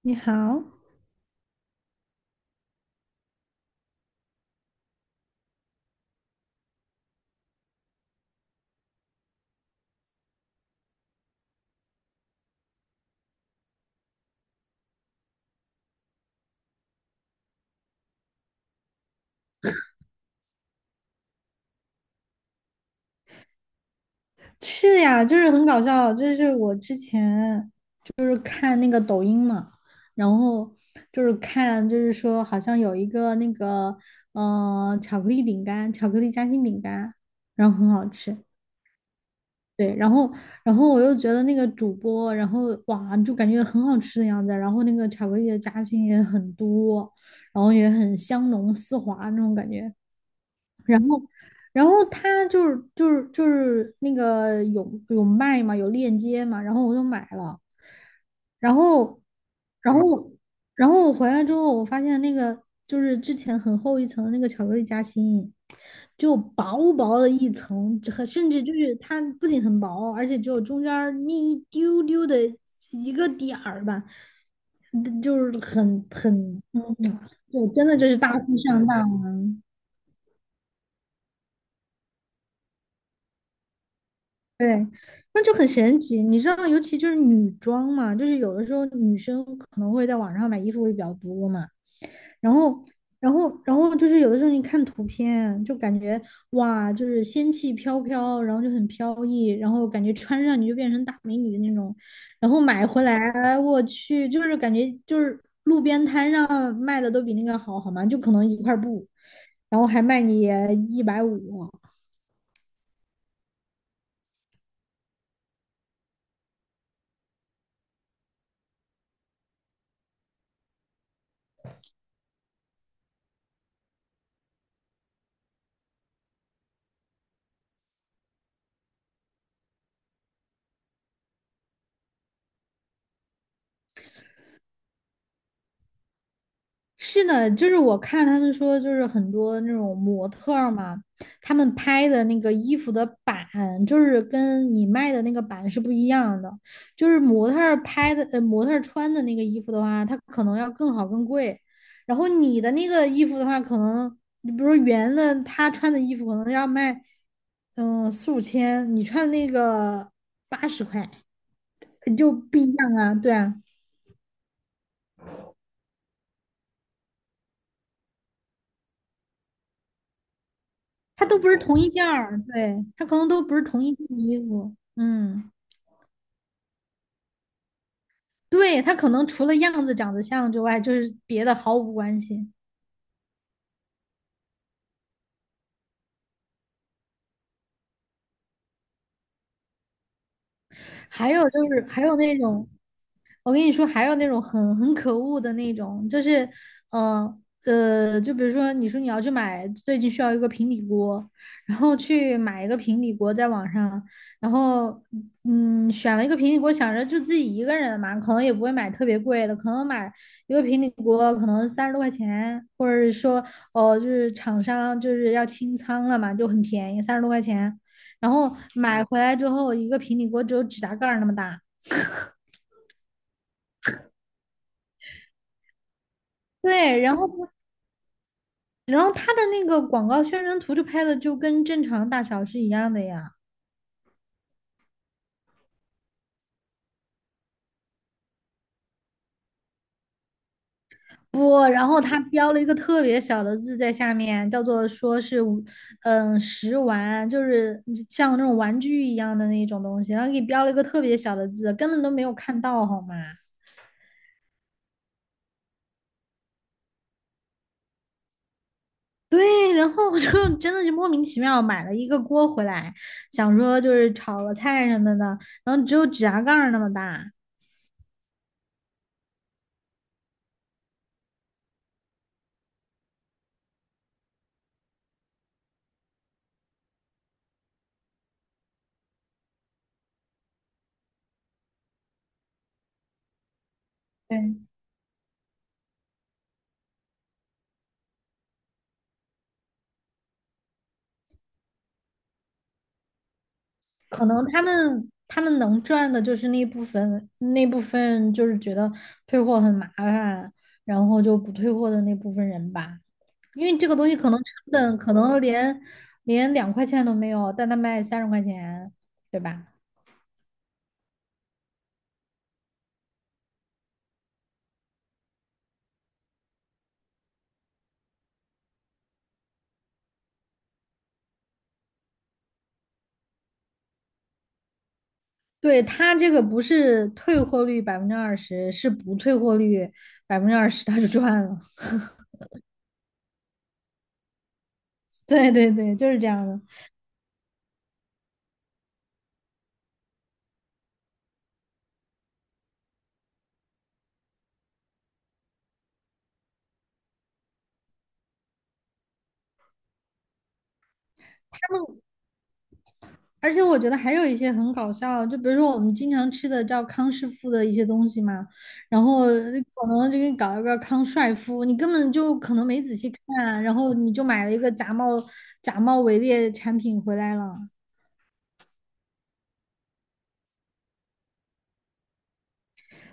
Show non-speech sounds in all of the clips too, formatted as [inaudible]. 你好。是呀，就是很搞笑。就是我之前就是看那个抖音嘛，然后就是看，就是说好像有一个那个巧克力饼干，巧克力夹心饼干，然后很好吃。对，然后我又觉得那个主播，然后哇，就感觉很好吃的样子，然后那个巧克力的夹心也很多，然后也很香浓丝滑那种感觉。然后，然后他就是那个有卖嘛，有链接嘛，然后我就买了。然后，然后,然后，我回来之后，我发现那个就是之前很厚一层的那个巧克力夹心，就薄薄的一层。这很甚至就是它不仅很薄，而且只有中间儿那一丢丢的一个点儿吧。嗯就是很很嗯，就真的就是大富上当。对，那就很神奇。你知道，尤其就是女装嘛，就是有的时候女生可能会在网上买衣服会比较多嘛。然后，然后就是有的时候你看图片，就感觉哇，就是仙气飘飘，然后就很飘逸，然后感觉穿上你就变成大美女的那种。然后买回来，我去，就是感觉就是路边摊上卖的都比那个好，好吗？就可能一块布，然后还卖你150。是的，就是我看他们说，就是很多那种模特儿嘛，他们拍的那个衣服的版，就是跟你卖的那个版是不一样的。就是模特儿拍的，模特儿穿的那个衣服的话，它可能要更好更贵。然后你的那个衣服的话，可能你比如说圆的，他穿的衣服可能要卖，嗯，4、5千，你穿的那个80块，就不一样啊，对啊。它都不是同一件儿，对，它可能都不是同一件衣服。嗯，对，它可能除了样子长得像之外，就是别的毫无关系。还有就是，还有那种，我跟你说，还有那种很可恶的那种，就是，嗯，就比如说，你说你要去买最近需要一个平底锅，然后去买一个平底锅，在网上。然后嗯，选了一个平底锅，想着就自己一个人嘛，可能也不会买特别贵的，可能买一个平底锅可能三十多块钱，或者是说哦，就是厂商就是要清仓了嘛，就很便宜，三十多块钱。然后买回来之后，一个平底锅只有指甲盖儿那么大。对，然后他的那个广告宣传图就拍的就跟正常大小是一样的呀。不，然后他标了一个特别小的字在下面，叫做说是食玩，就是像那种玩具一样的那种东西，然后给标了一个特别小的字，根本都没有看到，好吗？对，然后我就真的就莫名其妙买了一个锅回来，想说就是炒个菜什么的，然后只有指甲盖儿那么大。对，可能他们能赚的就是那部分，那部分就是觉得退货很麻烦，然后就不退货的那部分人吧。因为这个东西可能成本可能连2块钱都没有，但他卖30块钱，对吧？对，他这个不是退货率百分之二十，是不退货率百分之二十，他就赚了。[laughs] 对对对，就是这样的。他们而且我觉得还有一些很搞笑，就比如说我们经常吃的叫康师傅的一些东西嘛，然后可能就给你搞一个康帅傅，你根本就可能没仔细看，然后你就买了一个假冒伪劣产品回来了。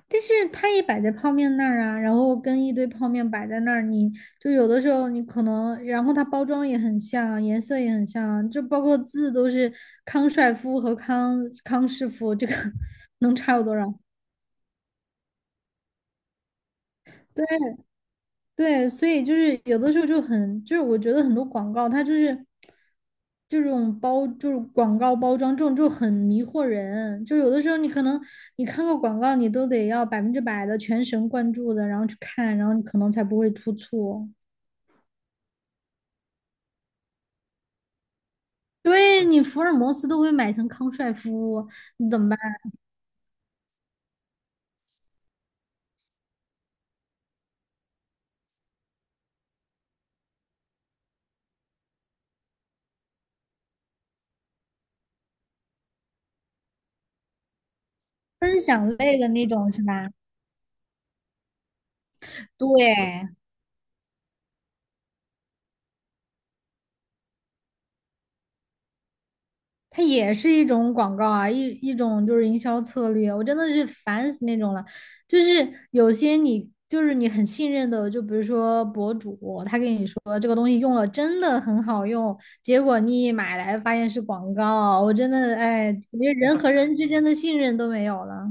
但是它也摆在泡面那儿啊，然后跟一堆泡面摆在那儿，你就有的时候你可能，然后它包装也很像，颜色也很像，就包括字都是康帅傅和康师傅，这个 [laughs] 能差有多少？对对，所以就是有的时候就很，就是我觉得很多广告它就是这种包，就是广告包装这种就很迷惑人。就有的时候你可能你看个广告，你都得要100%的全神贯注的，然后去看，然后你可能才不会出错。对你福尔摩斯都会买成康帅夫，你怎么办？分享类的那种是吧？对，它也是一种广告啊，一种就是营销策略，我真的是烦死那种了。就是有些你就是你很信任的，就比如说博主，他跟你说这个东西用了真的很好用，结果你一买来发现是广告。我真的哎，感觉人和人之间的信任都没有了。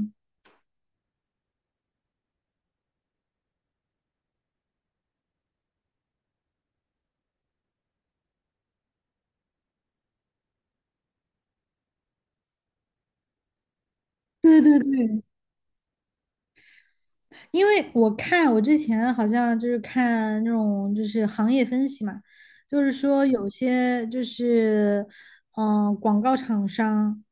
对对对，因为我看我之前好像就是看那种就是行业分析嘛，就是说有些就是广告厂商，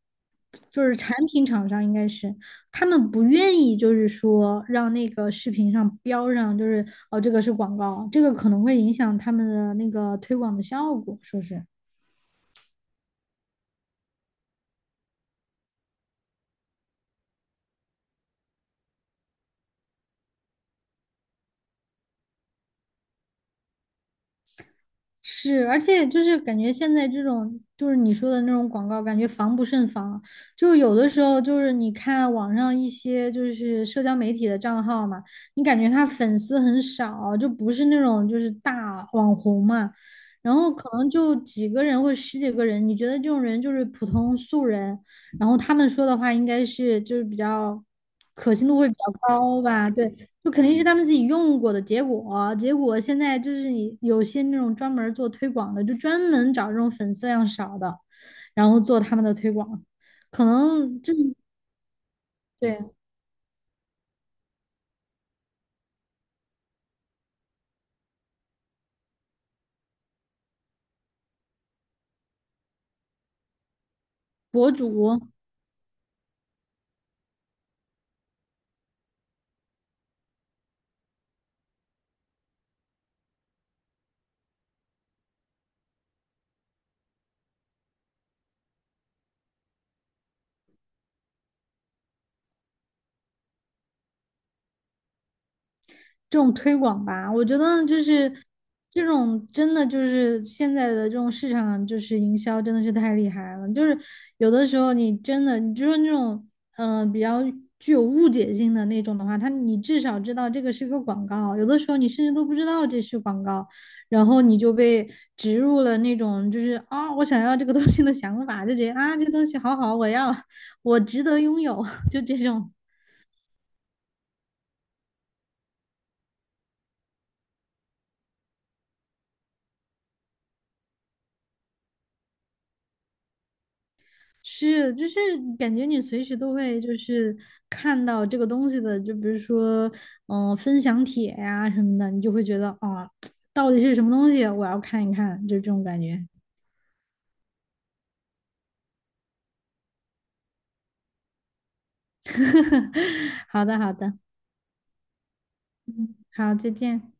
就是产品厂商应该是他们不愿意就是说让那个视频上标上就是哦这个是广告，这个可能会影响他们的那个推广的效果，说是。是，而且就是感觉现在这种就是你说的那种广告，感觉防不胜防。就有的时候，就是你看网上一些就是社交媒体的账号嘛，你感觉他粉丝很少，就不是那种就是大网红嘛，然后可能就几个人或者十几个人，你觉得这种人就是普通素人，然后他们说的话应该是就是比较可信度会比较高吧？对，就肯定是他们自己用过的结果。结果现在就是你有些那种专门做推广的，就专门找这种粉丝量少的，然后做他们的推广，可能这对博主。这种推广吧，我觉得就是这种真的就是现在的这种市场就是营销真的是太厉害了，就是有的时候你真的你就说那种比较具有误解性的那种的话，它你至少知道这个是个广告，有的时候你甚至都不知道这是广告，然后你就被植入了那种就是啊、我想要这个东西的想法，就觉得啊这东西好好，我要我值得拥有，[laughs] 就这种。是，就是感觉你随时都会就是看到这个东西的，就比如说，嗯、分享帖呀、什么的，你就会觉得啊、到底是什么东西，我要看一看，就这种感觉。[laughs] 好的，好的。好，再见。